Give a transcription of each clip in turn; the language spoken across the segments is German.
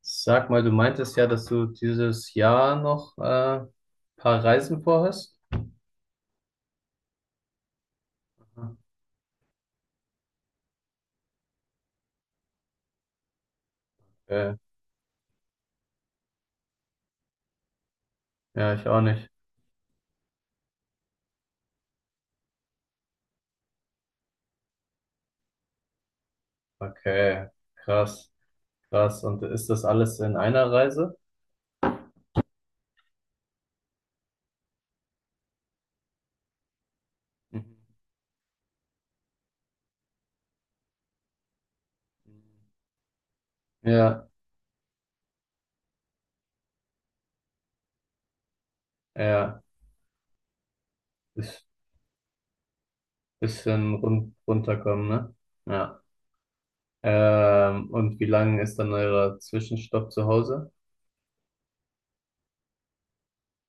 Sag mal, du meintest ja, dass du dieses Jahr noch ein paar Reisen vorhast? Okay. Ja, ich auch nicht. Okay, krass, krass. Und ist das alles in einer Reise? Mhm. Ja, ja, ist bisschen runterkommen, ne? Ja. Und wie lange ist dann euer Zwischenstopp zu Hause?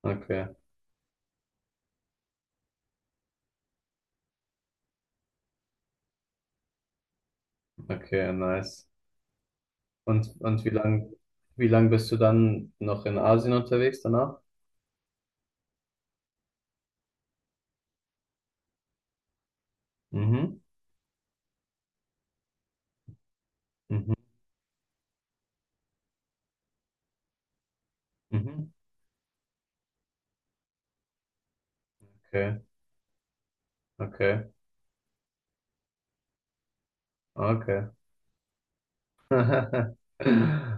Okay, okay, nice. Und wie lang bist du dann noch in Asien unterwegs danach? Mhm, mhm, mhm. Okay, okay, okay.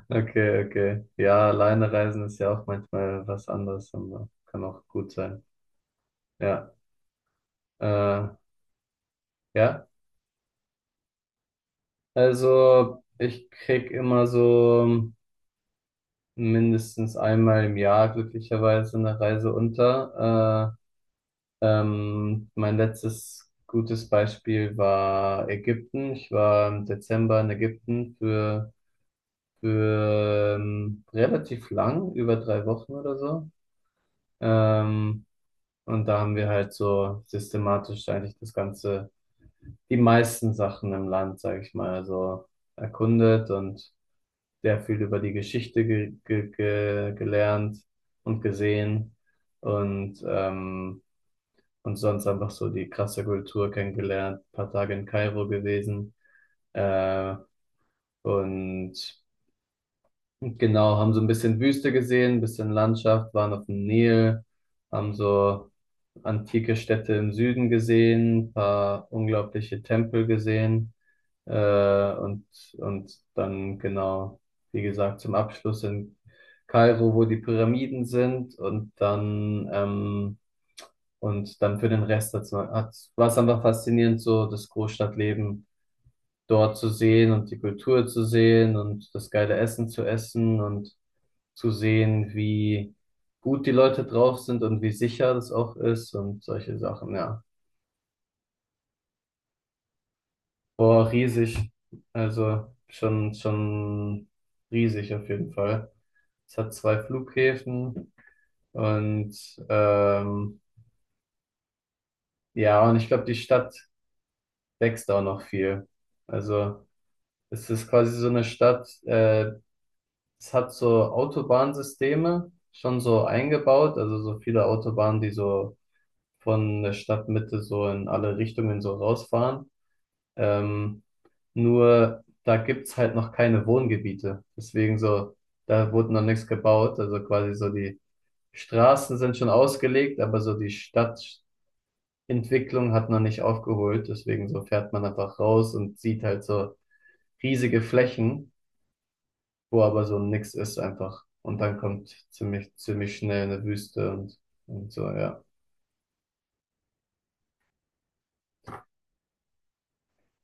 Okay, okay. Ja, alleine reisen ist ja auch manchmal was anderes, aber kann auch gut sein. Ja, äh, ja. Also ich krieg immer so mindestens einmal im Jahr glücklicherweise eine Reise unter. Mein letztes gutes Beispiel war Ägypten. Ich war im Dezember in Ägypten für relativ lang, über 3 Wochen oder so. Ähm, und da haben wir halt so systematisch eigentlich das Ganze, die meisten Sachen im Land, sage ich mal, so erkundet und sehr viel über die Geschichte ge ge ge gelernt und gesehen und, ähm, und sonst einfach so die krasse Kultur kennengelernt, ein paar Tage in Kairo gewesen. Äh, und Genau, haben so ein bisschen Wüste gesehen, ein bisschen Landschaft, waren auf dem Nil, haben so antike Städte im Süden gesehen, ein paar unglaubliche Tempel gesehen, äh, und, und dann genau, wie gesagt, zum Abschluss in Kairo, wo die Pyramiden sind und dann, und dann für den Rest war es einfach faszinierend, so das Großstadtleben dort zu sehen und die Kultur zu sehen und das geile Essen zu essen und zu sehen, wie gut die Leute drauf sind und wie sicher das auch ist und solche Sachen, ja. Boah, riesig. Also schon, schon riesig auf jeden Fall. Es hat 2 Flughäfen und ähm, ja, und ich glaube, die Stadt wächst auch noch viel. Also es ist quasi so eine Stadt, es hat so Autobahnsysteme schon so eingebaut, also so viele Autobahnen, die so von der Stadtmitte so in alle Richtungen so rausfahren. Ähm, Nur da gibt's halt noch keine Wohngebiete. Deswegen so, da wurde noch nichts gebaut. Also quasi so die Straßen sind schon ausgelegt, aber so die Stadtentwicklung hat noch nicht aufgeholt. Deswegen so fährt man einfach raus und sieht halt so riesige Flächen, wo aber so nix ist einfach. Und dann kommt ziemlich, ziemlich schnell eine Wüste und so, ja.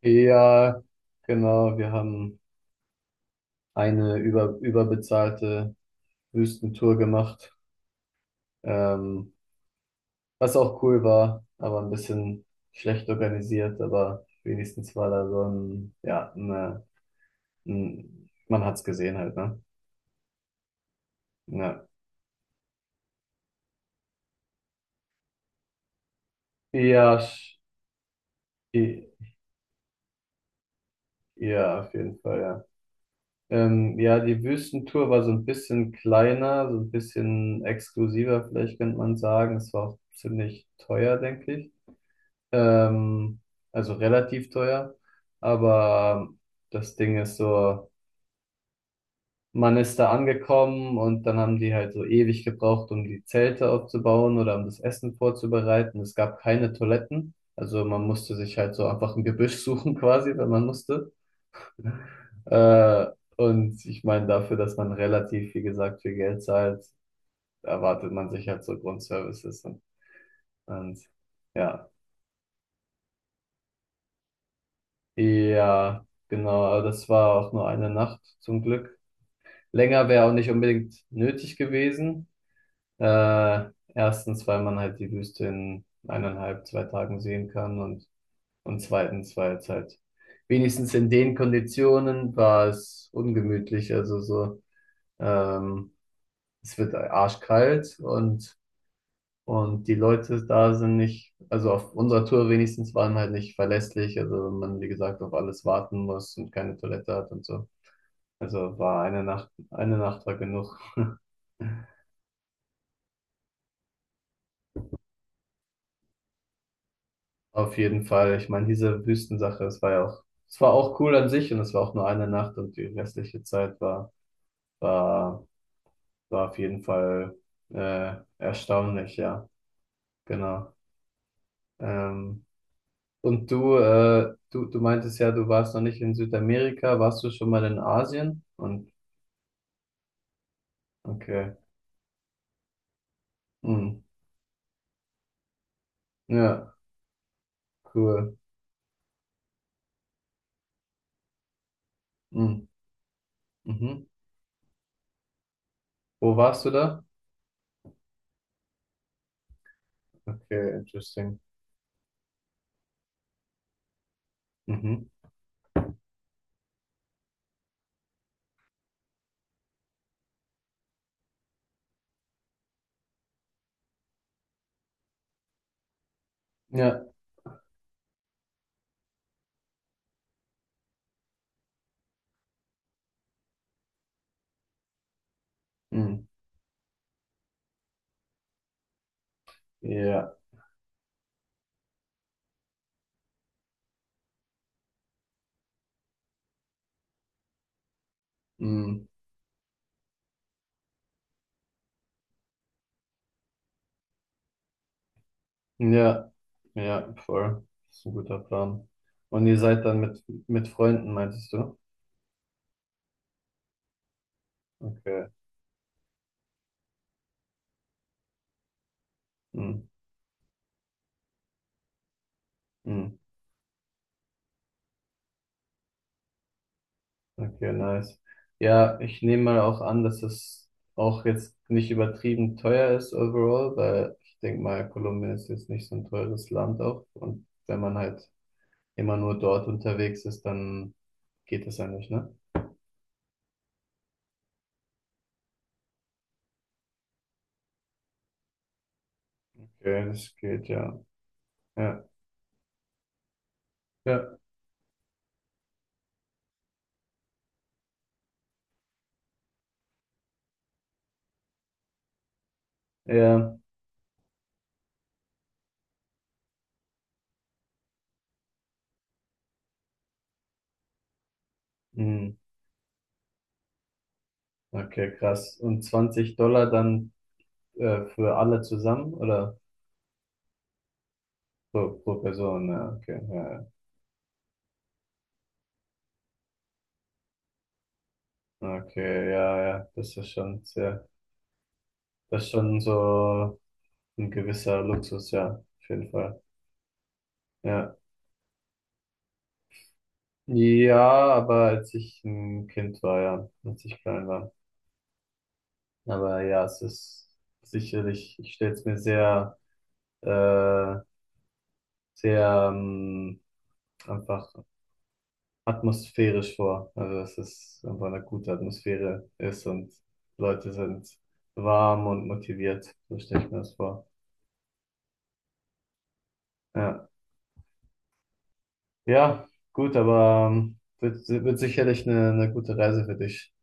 Ja, genau, wir haben eine überbezahlte Wüstentour gemacht, ähm, was auch cool war, aber ein bisschen schlecht organisiert, aber wenigstens war da so ein, ja, ne, ein, man hat's gesehen halt, ne? Ja, ja, i- ja, auf jeden Fall, ja. Ja, die Wüstentour war so ein bisschen kleiner, so ein bisschen exklusiver, vielleicht könnte man sagen. Es war auch ziemlich teuer, denke ich. Ähm, also relativ teuer. Aber das Ding ist so, man ist da angekommen und dann haben die halt so ewig gebraucht, um die Zelte aufzubauen oder um das Essen vorzubereiten. Es gab keine Toiletten. Also man musste sich halt so einfach ein Gebüsch suchen quasi, wenn man musste. Äh, und ich meine, dafür, dass man relativ, wie gesagt, viel Geld zahlt, erwartet man sich halt so Grundservices. Und ja, ja, genau. Aber das war auch nur eine Nacht zum Glück. Länger wäre auch nicht unbedingt nötig gewesen. Erstens, weil man halt die Wüste in eineinhalb, zwei Tagen sehen kann und zweitens, weil es halt wenigstens in den Konditionen war es ungemütlich. Also so, ähm, es wird arschkalt und die Leute da sind nicht, also auf unserer Tour wenigstens waren halt nicht verlässlich. Also wenn man, wie gesagt, auf alles warten muss und keine Toilette hat und so. Also war eine Nacht war genug. Auf jeden Fall. Ich meine, diese Wüstensache, es war ja auch, es war auch cool an sich und es war auch nur eine Nacht und die restliche Zeit war, war, war auf jeden Fall erstaunlich, ja, genau. Ähm, und du meintest ja, du warst noch nicht in Südamerika, warst du schon mal in Asien? Und okay, hm, ja, cool. Hm, mhm. Wo warst du da? Okay, interesting. Mhm. Ja, hm, ja, hm. Ja, ja, voll. Das ist ein guter Plan. Und ihr seid dann mit Freunden, meintest du? Okay. Hm, hm. Okay, nice. Ja, ich nehme mal auch an, dass es auch jetzt nicht übertrieben teuer ist overall, weil ich denke mal, Kolumbien ist jetzt nicht so ein teures Land auch. Und wenn man halt immer nur dort unterwegs ist, dann geht das ja nicht, ne? Okay, das geht, ja. Ja, ja, ja. Hm. Okay, krass. Und $20 dann. Für alle zusammen oder pro Person? Ja, okay, ja, ja. Okay, ja, ja, das ist schon sehr, das ist schon so ein gewisser Luxus, ja, auf jeden Fall. Ja, ja, aber als ich ein Kind war, ja, als ich klein war. Aber ja, es ist sicherlich, ich stelle es mir sehr, äh, sehr einfach atmosphärisch vor. Also dass es einfach eine gute Atmosphäre ist und Leute sind warm und motiviert. So stelle ich mir das vor. Ja, ja, gut, aber wird, wird sicherlich eine gute Reise für dich.